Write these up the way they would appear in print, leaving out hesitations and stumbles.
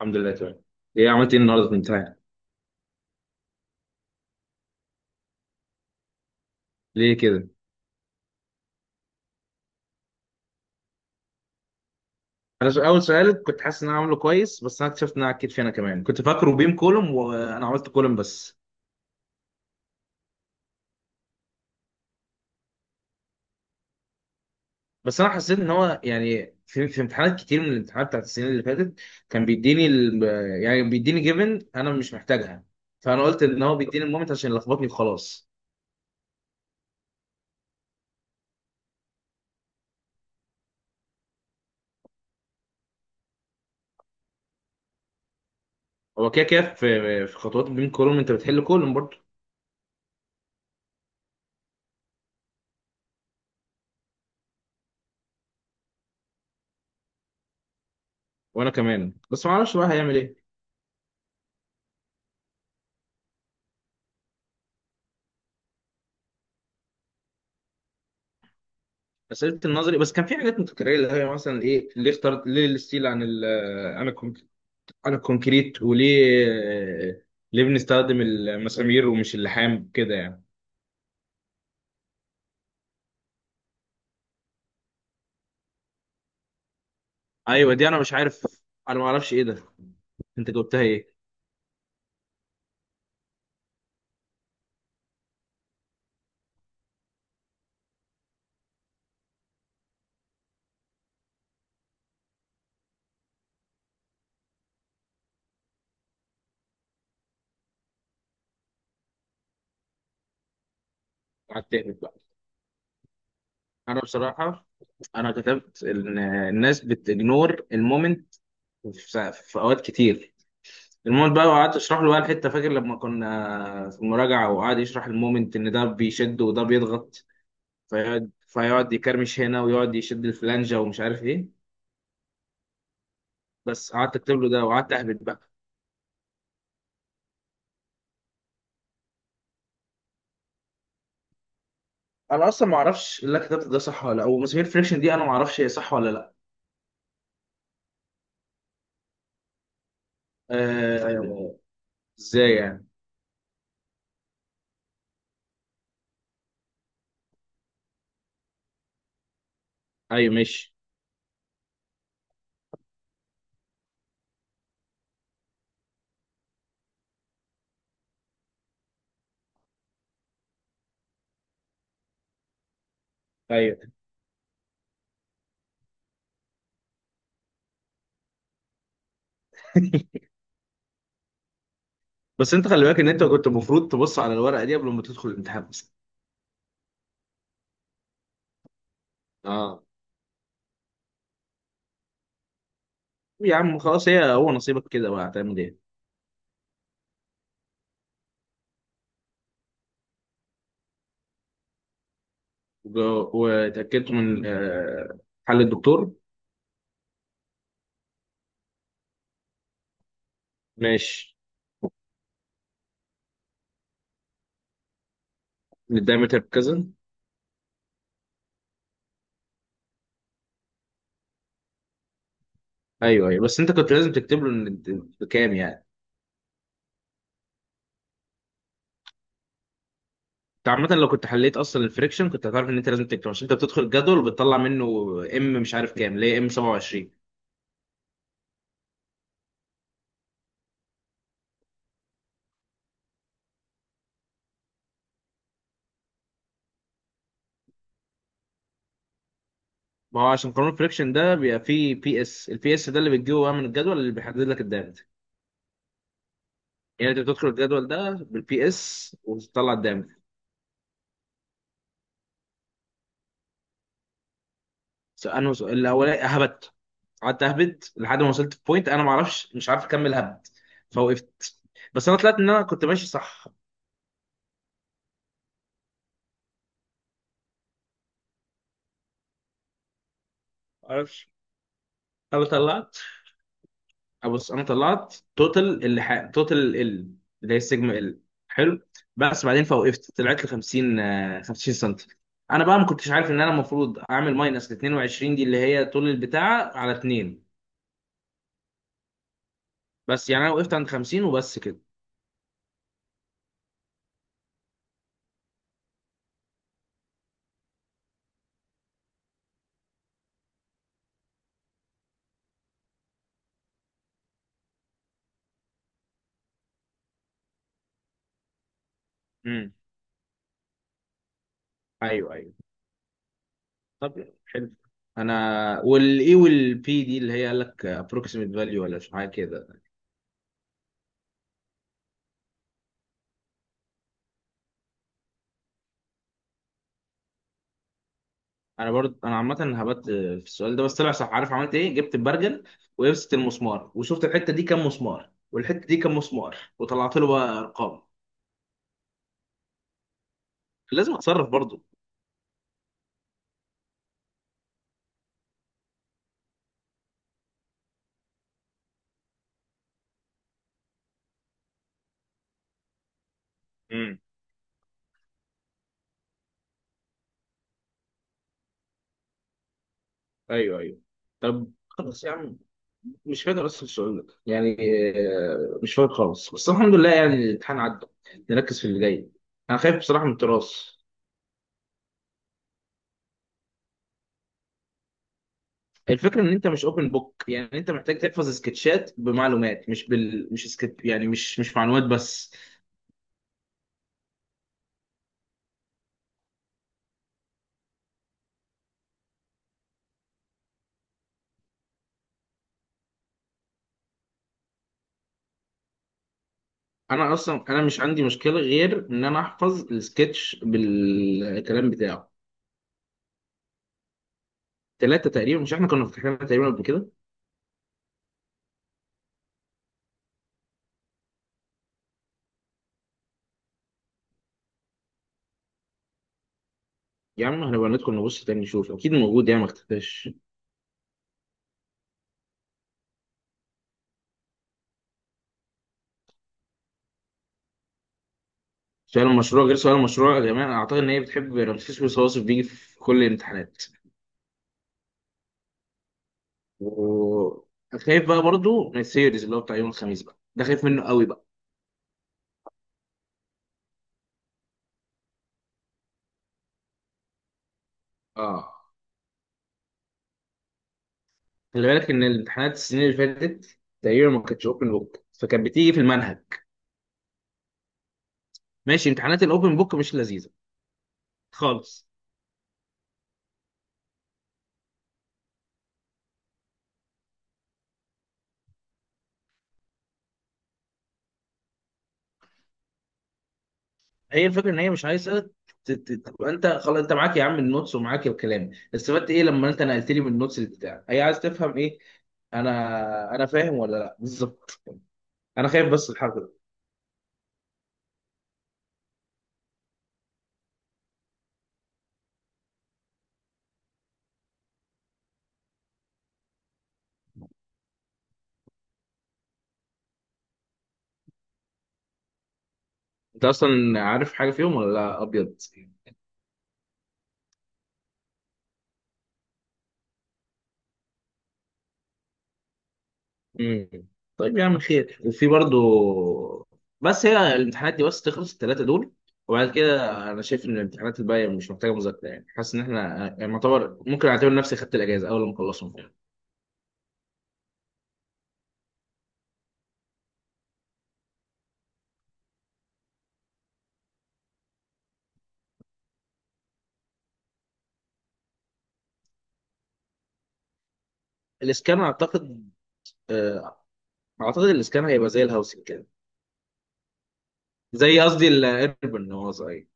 الحمد لله تمام. ايه عملت ايه النهارده في الامتحان؟ ليه كده؟ انا اول سؤال كنت حاسس ان انا عامله كويس، بس انا اكتشفت ان انا عكيت فيه. انا كمان كنت فاكره بيم كولوم وانا عملت كولوم بس. بس انا حسيت ان هو يعني في امتحانات كتير من الامتحانات بتاعت السنين اللي فاتت كان بيديني يعني بيديني جيفن انا مش محتاجها. فانا قلت ان هو بيديني المومنت عشان يلخبطني وخلاص. هو كده كده في خطوات البيم كولوم انت بتحل كولوم برضه. وانا كمان بس ما اعرفش بقى هيعمل ايه. اسئله النظري بس كان في حاجات متكرره، اللي هي مثلا ايه ليه اخترت، ليه الستيل عن عن الكونك- عن الكونكريت، وليه ليه بنستخدم المسامير ومش اللحام كده يعني؟ ايوه دي انا مش عارف. انا ما اعرفش ايه ده. انت جاوبتها ايه؟ على التهبط بقى. انا بصراحه، انا كتبت ان الناس بتجنور المومنت في اوقات كتير، المومنت بقى. وقعدت اشرح له بقى الحته، فاكر لما كنا في المراجعه وقعد يشرح المومنت ان ده بيشد وده بيضغط، فيقعد يكرمش هنا ويقعد يشد الفلانجة ومش عارف ايه. بس قعدت اكتب له ده وقعدت اهبط بقى. انا اصلا ما اعرفش اللي أنا كتبته ده صح ولا لا، ومسامير فريكشن دي انا ما اعرفش هي صح ولا لا. آه، أيوة. ازاي يعني؟ ايوه ماشي. ايوه بس انت خلي بالك ان انت كنت المفروض تبص على الورقه دي قبل ما تدخل الامتحان اصلا. اه. يا عم خلاص، هي هو نصيبك كده بقى، هتعمل ايه؟ وتاكدت من حل الدكتور؟ ماشي. الدايمتر بكذا. ايوه ايوه بس انت كنت لازم تكتب له ان إنت بكام يعني. انت عامة لو كنت حليت اصلا الفريكشن كنت هتعرف ان انت لازم تكتب، عشان انت بتدخل الجدول وبتطلع منه ام، مش عارف كام، ليه ام 27؟ ما هو عشان قانون الفريكشن ده بيبقى فيه بي اس، البي اس ده اللي بتجيبه بقى من الجدول اللي بيحدد لك الدامج. يعني انت بتدخل الجدول ده بالبي اس وتطلع الدامج. انا سؤال الاولاني هبت، قعدت اهبد لحد ما وصلت بوينت، انا ما اعرفش مش عارف اكمل هبد، فوقفت. بس انا طلعت ان انا كنت ماشي صح. ما اعرفش. انا طلعت، بص انا طلعت توتال اللي توتال ال، اللي هي السيجما ال. حلو. بس بعدين فوقفت طلعت ل 50، 50 سم. انا بقى ما كنتش عارف ان انا المفروض اعمل ماينس ل 22 دي، اللي هي طول البتاعه على 2. بس يعني انا وقفت عند 50 وبس كده. امم، ايوه ايوه طب حلو. انا والاي والبي دي اللي هي قال لك ابروكسيميت فاليو ولا مش حاجه كده؟ انا برضه انا عامه هبت في السؤال ده بس طلع صح. عارف عملت ايه؟ جبت البرجل ولبست المسمار وشفت الحته دي كام مسمار والحته دي كام مسمار وطلعت له بقى ارقام. لازم اتصرف برضه. امم، ايوه ايوه طب خلاص يا عم. مش فاكر اصلا السؤال ده يعني، مش فاكر خالص، بس الحمد لله يعني الامتحان عدى. نركز في اللي جاي. انا خايف بصراحه من التراث. الفكره ان انت مش اوبن بوك، يعني انت محتاج تحفظ سكتشات بمعلومات، مش بال مش سكت يعني، مش معلومات بس. انا اصلا انا مش عندي مشكله غير ان انا احفظ السكتش بالكلام بتاعه. ثلاثه تقريبا، مش احنا كنا فاتحينها تقريبا قبل كده؟ يا عم هنبقى ندخل نبص تاني نشوف، اكيد موجود يعني، ما اختفاش. سؤال المشروع غير، سؤال المشروع يا جماعه انا اعتقد ان هي بتحب رمسيس، والصواصف بيجي في كل الامتحانات. وخايف بقى برضو من السيريز اللي هو بتاع يوم الخميس بقى، ده خايف منه قوي بقى. اه. خلي بالك ان الامتحانات السنين اللي فاتت تقريبا ما كانتش اوبن بوك، فكانت بتيجي في المنهج. ماشي، امتحانات الاوبن بوك مش لذيذه خالص. هي الفكره ان هي مش عايزه تبقى، انت خلاص انت معاك يا عم النوتس ومعاك الكلام، استفدت ايه لما انت نقلت لي من النوتس بتاعك؟ هي عايز تفهم ايه. انا فاهم ولا لا بالظبط. انا خايف بس الحركه دي. انت اصلا عارف حاجه فيهم ولا لا ابيض؟ امم. طيب يا عم، خير وفي برضو. بس هي الامتحانات دي بس تخلص الثلاثه دول، وبعد كده انا شايف ان الامتحانات الباقيه مش محتاجه مذاكره يعني، حاسس ان احنا يعني معتبر، ممكن اعتبر نفسي خدت الاجازه اول ما اخلصهم. الاسكان اعتقد، آه، اعتقد الاسكان هيبقى زي الهاوسنج كده. زي قصدي الايربن، هو صغير.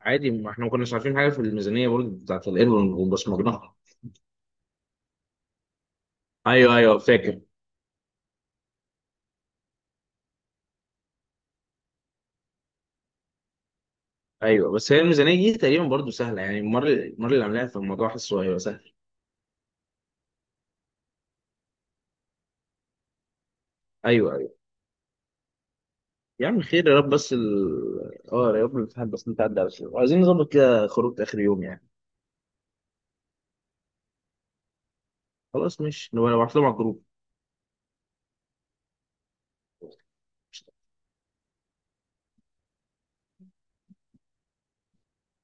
عادي، ما احنا ما كناش عارفين حاجه في الميزانيه برضه بتاعت الايربن وبصمجناها. ايوه ايوه فاكر. ايوه، بس هي الميزانيه دي تقريبا برضه سهله يعني، المره اللي عاملاها في الموضوع حاسه هيبقى سهل. ايوه ايوه. يا عم خير يا رب، بس اه يا رب الامتحان بس انت عدى على خير، وعايزين نظبط كده خروج اخر يوم يعني. خلاص ماشي، نبقى نبعت لهم على الجروب.